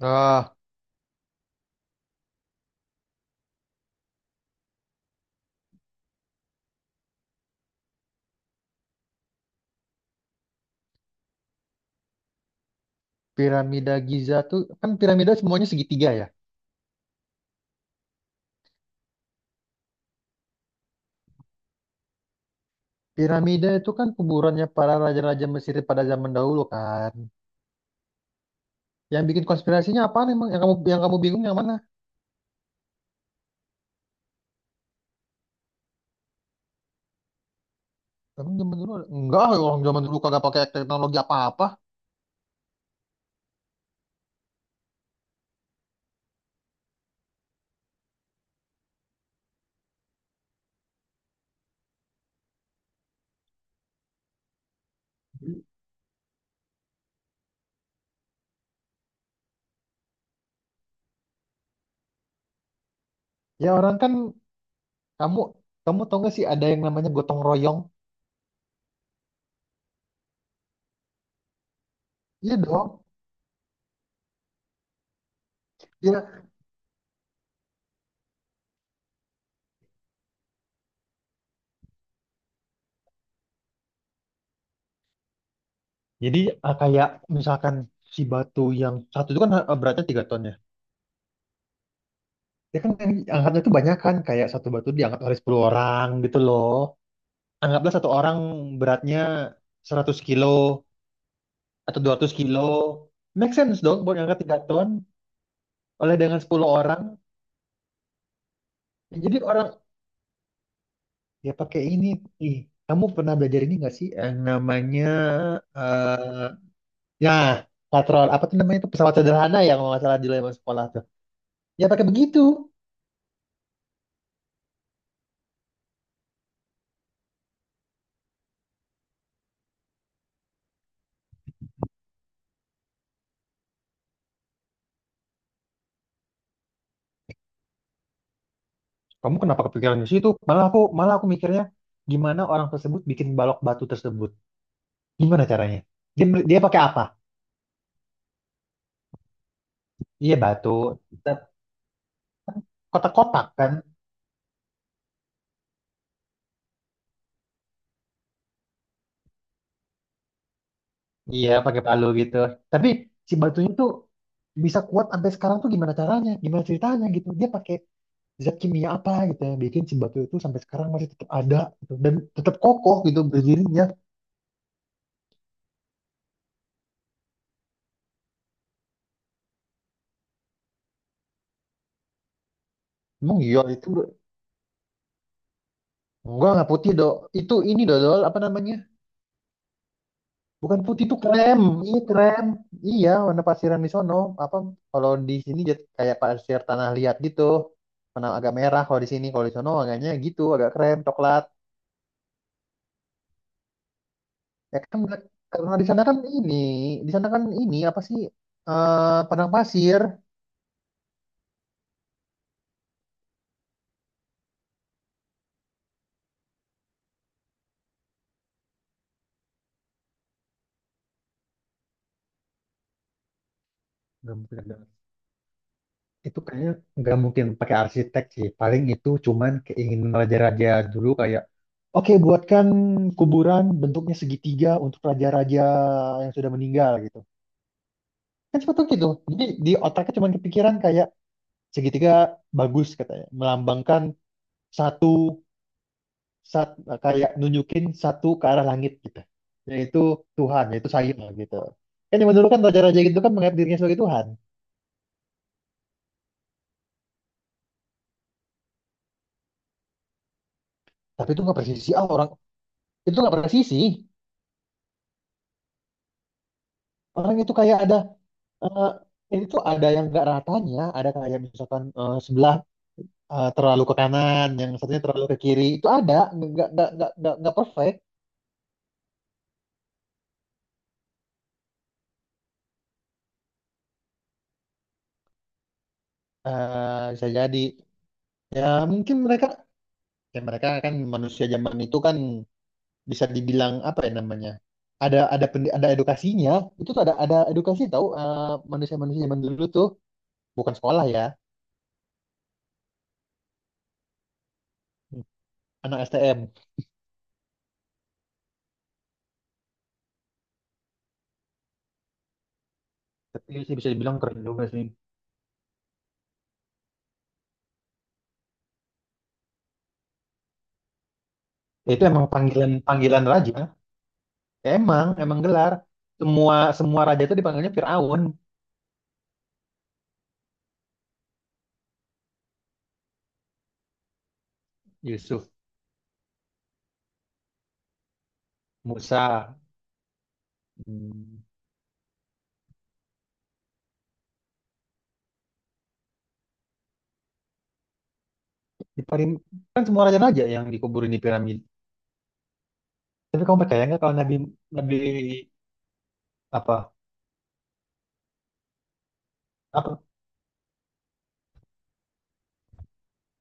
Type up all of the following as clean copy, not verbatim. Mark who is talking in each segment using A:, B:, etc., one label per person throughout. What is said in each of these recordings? A: Ah, Piramida Giza tuh kan piramida semuanya segitiga ya. Piramida itu kan kuburannya para raja-raja Mesir pada zaman dahulu kan. Yang bikin konspirasinya apaan emang? Yang kamu bingung yang mana? Emang zaman dulu ada- enggak, orang zaman dulu kagak pakai teknologi apa-apa. Ya orang kan, kamu kamu tau gak sih ada yang namanya gotong royong? Iya dong. Iya. Jadi kayak misalkan si batu yang satu itu kan beratnya tiga ton ya. Ya kan yang angkatnya itu banyak kan, kayak satu batu diangkat oleh 10 orang gitu loh. Anggaplah satu orang beratnya 100 kilo atau 200 kilo. Make sense dong buat ngangkat 3 ton oleh dengan 10 orang. Jadi orang ya pakai ini. Ih, kamu pernah belajar ini nggak sih yang namanya eh ya patrol apa tuh namanya, itu pesawat sederhana ya kalau nggak salah di zaman sekolah tuh. Ya pakai begitu. Kamu kenapa kepikiran di situ? Malah aku mikirnya gimana orang tersebut bikin balok batu tersebut? Gimana caranya? Dia dia pakai apa? Iya batu. Kotak-kotak kan? Iya, pakai palu gitu. Tapi si batunya tuh bisa kuat sampai sekarang tuh gimana caranya? Gimana ceritanya gitu? Dia pakai zat kimia apa gitu yang bikin si batu itu sampai sekarang masih tetap ada gitu. Dan tetap kokoh gitu berdirinya. Emang iya itu enggak putih dok. Itu ini dodol apa namanya? Bukan putih, itu krem. Iya krem. Iya warna pasiran di sono. Apa kalau di sini jat- kayak pasir tanah liat gitu. Warna agak merah kalau di sini. Kalau di sono agaknya gitu, agak krem coklat. Ya kan nggak- karena di sana kan ini, di sana kan ini apa sih, padang pasir. Nggak mungkin ada- itu kayaknya nggak mungkin pakai arsitek sih. Paling itu cuman keinginan raja-raja dulu kayak, oke buatkan kuburan bentuknya segitiga untuk raja-raja yang sudah meninggal gitu. Kan seperti itu. Jadi di otaknya cuman kepikiran kayak segitiga bagus katanya, melambangkan satu sat, kayak nunjukin satu ke arah langit gitu, yaitu Tuhan yaitu saya gitu kan, yang dulu kan raja-raja gitu kan menganggap dirinya sebagai Tuhan. Tapi itu nggak presisi ah, orang itu nggak presisi, orang itu kayak ada eh, ini tuh ada yang nggak ratanya, ada kayak misalkan sebelah terlalu ke kanan yang satunya terlalu ke kiri, itu ada. Nggak nggak perfect. Eh, bisa jadi. Ya mungkin mereka, ya mereka kan manusia zaman itu kan bisa dibilang apa ya namanya, ada pendi- ada edukasinya, itu tuh ada edukasi tahu manusia-manusia zaman dulu tuh bukan sekolah ya, anak STM. Tapi sih bisa dibilang keren juga sih. Ya, itu emang panggilan panggilan raja. Ya, emang emang gelar, semua semua raja itu dipanggilnya Firaun. Yusuf. Musa, hmm. Di parim- kan semua raja-raja yang dikuburin di piramid. Tapi kamu percaya nggak kalau Nabi Nabi apa, apa,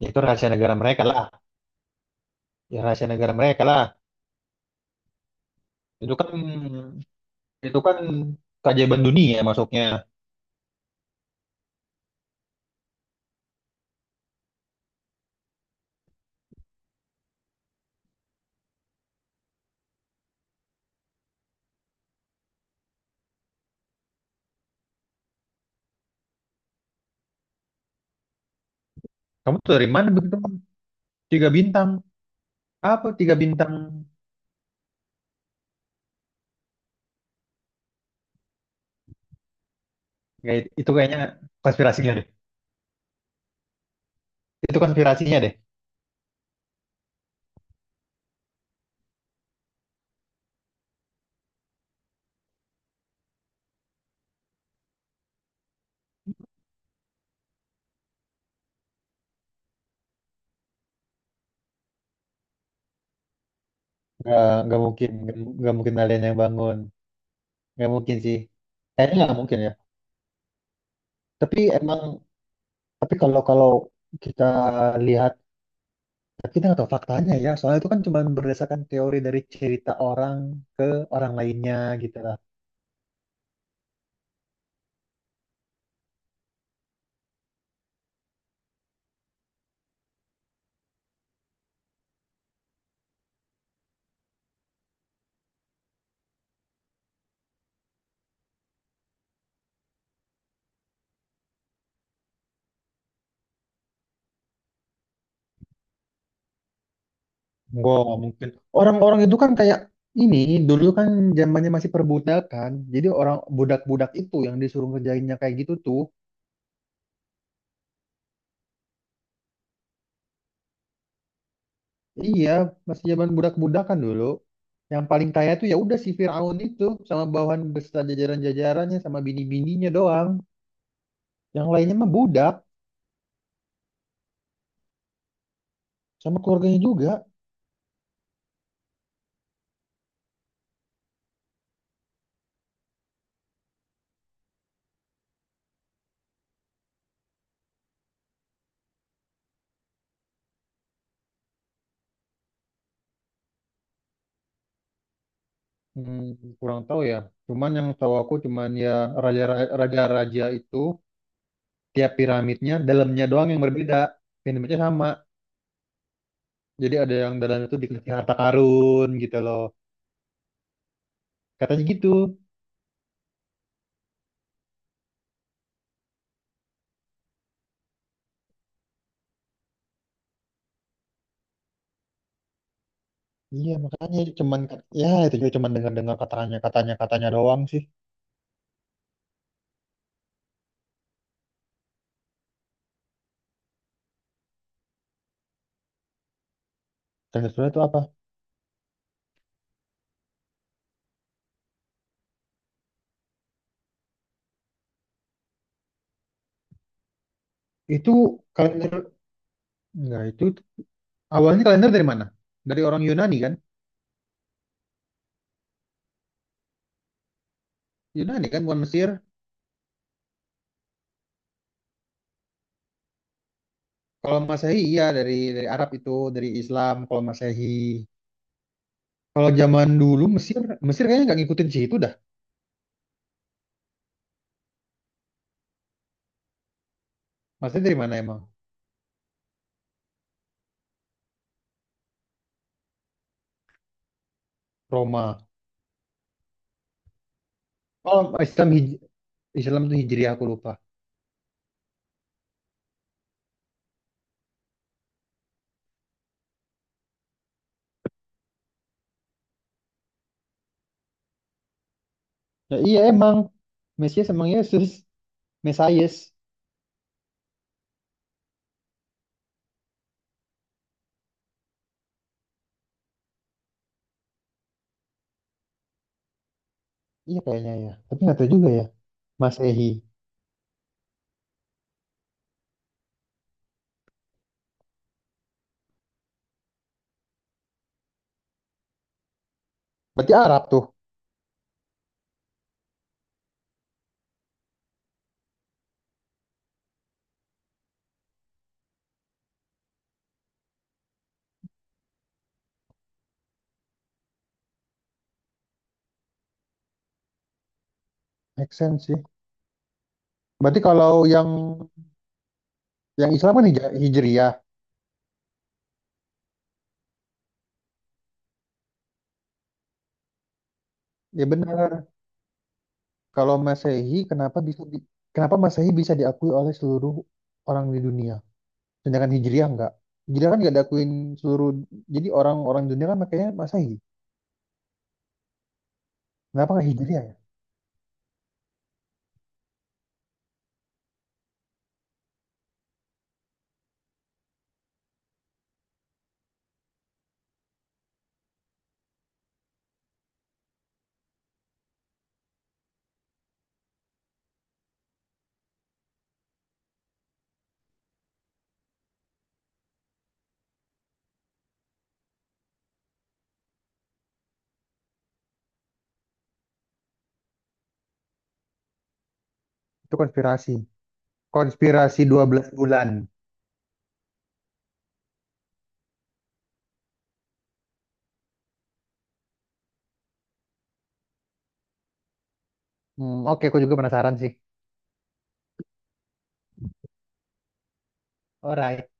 A: ya itu rahasia negara mereka lah, ya rahasia negara mereka lah. Itu kan itu kan keajaiban dunia masuknya. Kamu tuh dari mana begitu? Tiga bintang. Apa tiga bintang? Kayak itu kayaknya konspirasinya deh. Itu konspirasinya deh. Nggak mungkin kalian yang bangun. Nggak mungkin sih. Kayaknya nggak mungkin ya. Tapi emang, tapi kalau kalau kita lihat, tapi kita nggak tahu faktanya ya. Soalnya itu kan cuma berdasarkan teori dari cerita orang ke orang lainnya gitu lah. Gua mungkin, orang-orang itu kan kayak ini, dulu kan zamannya masih perbudakan. Jadi orang budak-budak itu yang disuruh ngerjainnya kayak gitu tuh. Iya, masih zaman budak-budakan dulu. Yang paling kaya tuh ya udah si Firaun itu sama bawahan beserta jajaran-jajarannya sama bini-bininya doang. Yang lainnya mah budak sama keluarganya juga. Hmm, kurang tahu ya. Cuman yang tahu aku cuman ya raja-raja itu tiap piramidnya dalamnya doang yang berbeda. Piramidnya sama, jadi ada yang dalam itu dikasih harta karun gitu loh. Katanya gitu. Iya makanya cuman kat- ya itu juga cuman dengar-dengar katanya katanya katanya doang sih. Kalender surya itu apa? Itu kalender enggak, itu awalnya kalender dari mana? Dari orang Yunani kan? Yunani kan bukan Mesir. Kalau Masehi iya dari Arab itu, dari Islam kalau Masehi. Kalau zaman dulu Mesir, Mesir kayaknya nggak ngikutin sih itu dah. Maksudnya dari mana emang? Roma. Oh Islam hij- Islam itu Hijriah aku lupa. Ya iya emang, Mesias emang Yesus. Mesayes. Iya kayaknya ya. Tapi nggak tahu juga ya. Masehi. Berarti Arab tuh. Make sense sih. Berarti kalau yang Islam kan Hij- Hijriah. Ya benar. Kalau Masehi kenapa bisa di- kenapa Masehi bisa diakui oleh seluruh orang di dunia? Sedangkan Hijriah enggak. Hijriah kan nggak diakuin seluruh, jadi orang-orang dunia kan makanya Masehi. Kenapa nggak Hijriah ya? Itu konspirasi. Konspirasi 12 bulan. Hmm, oke, aku juga penasaran sih. Alright.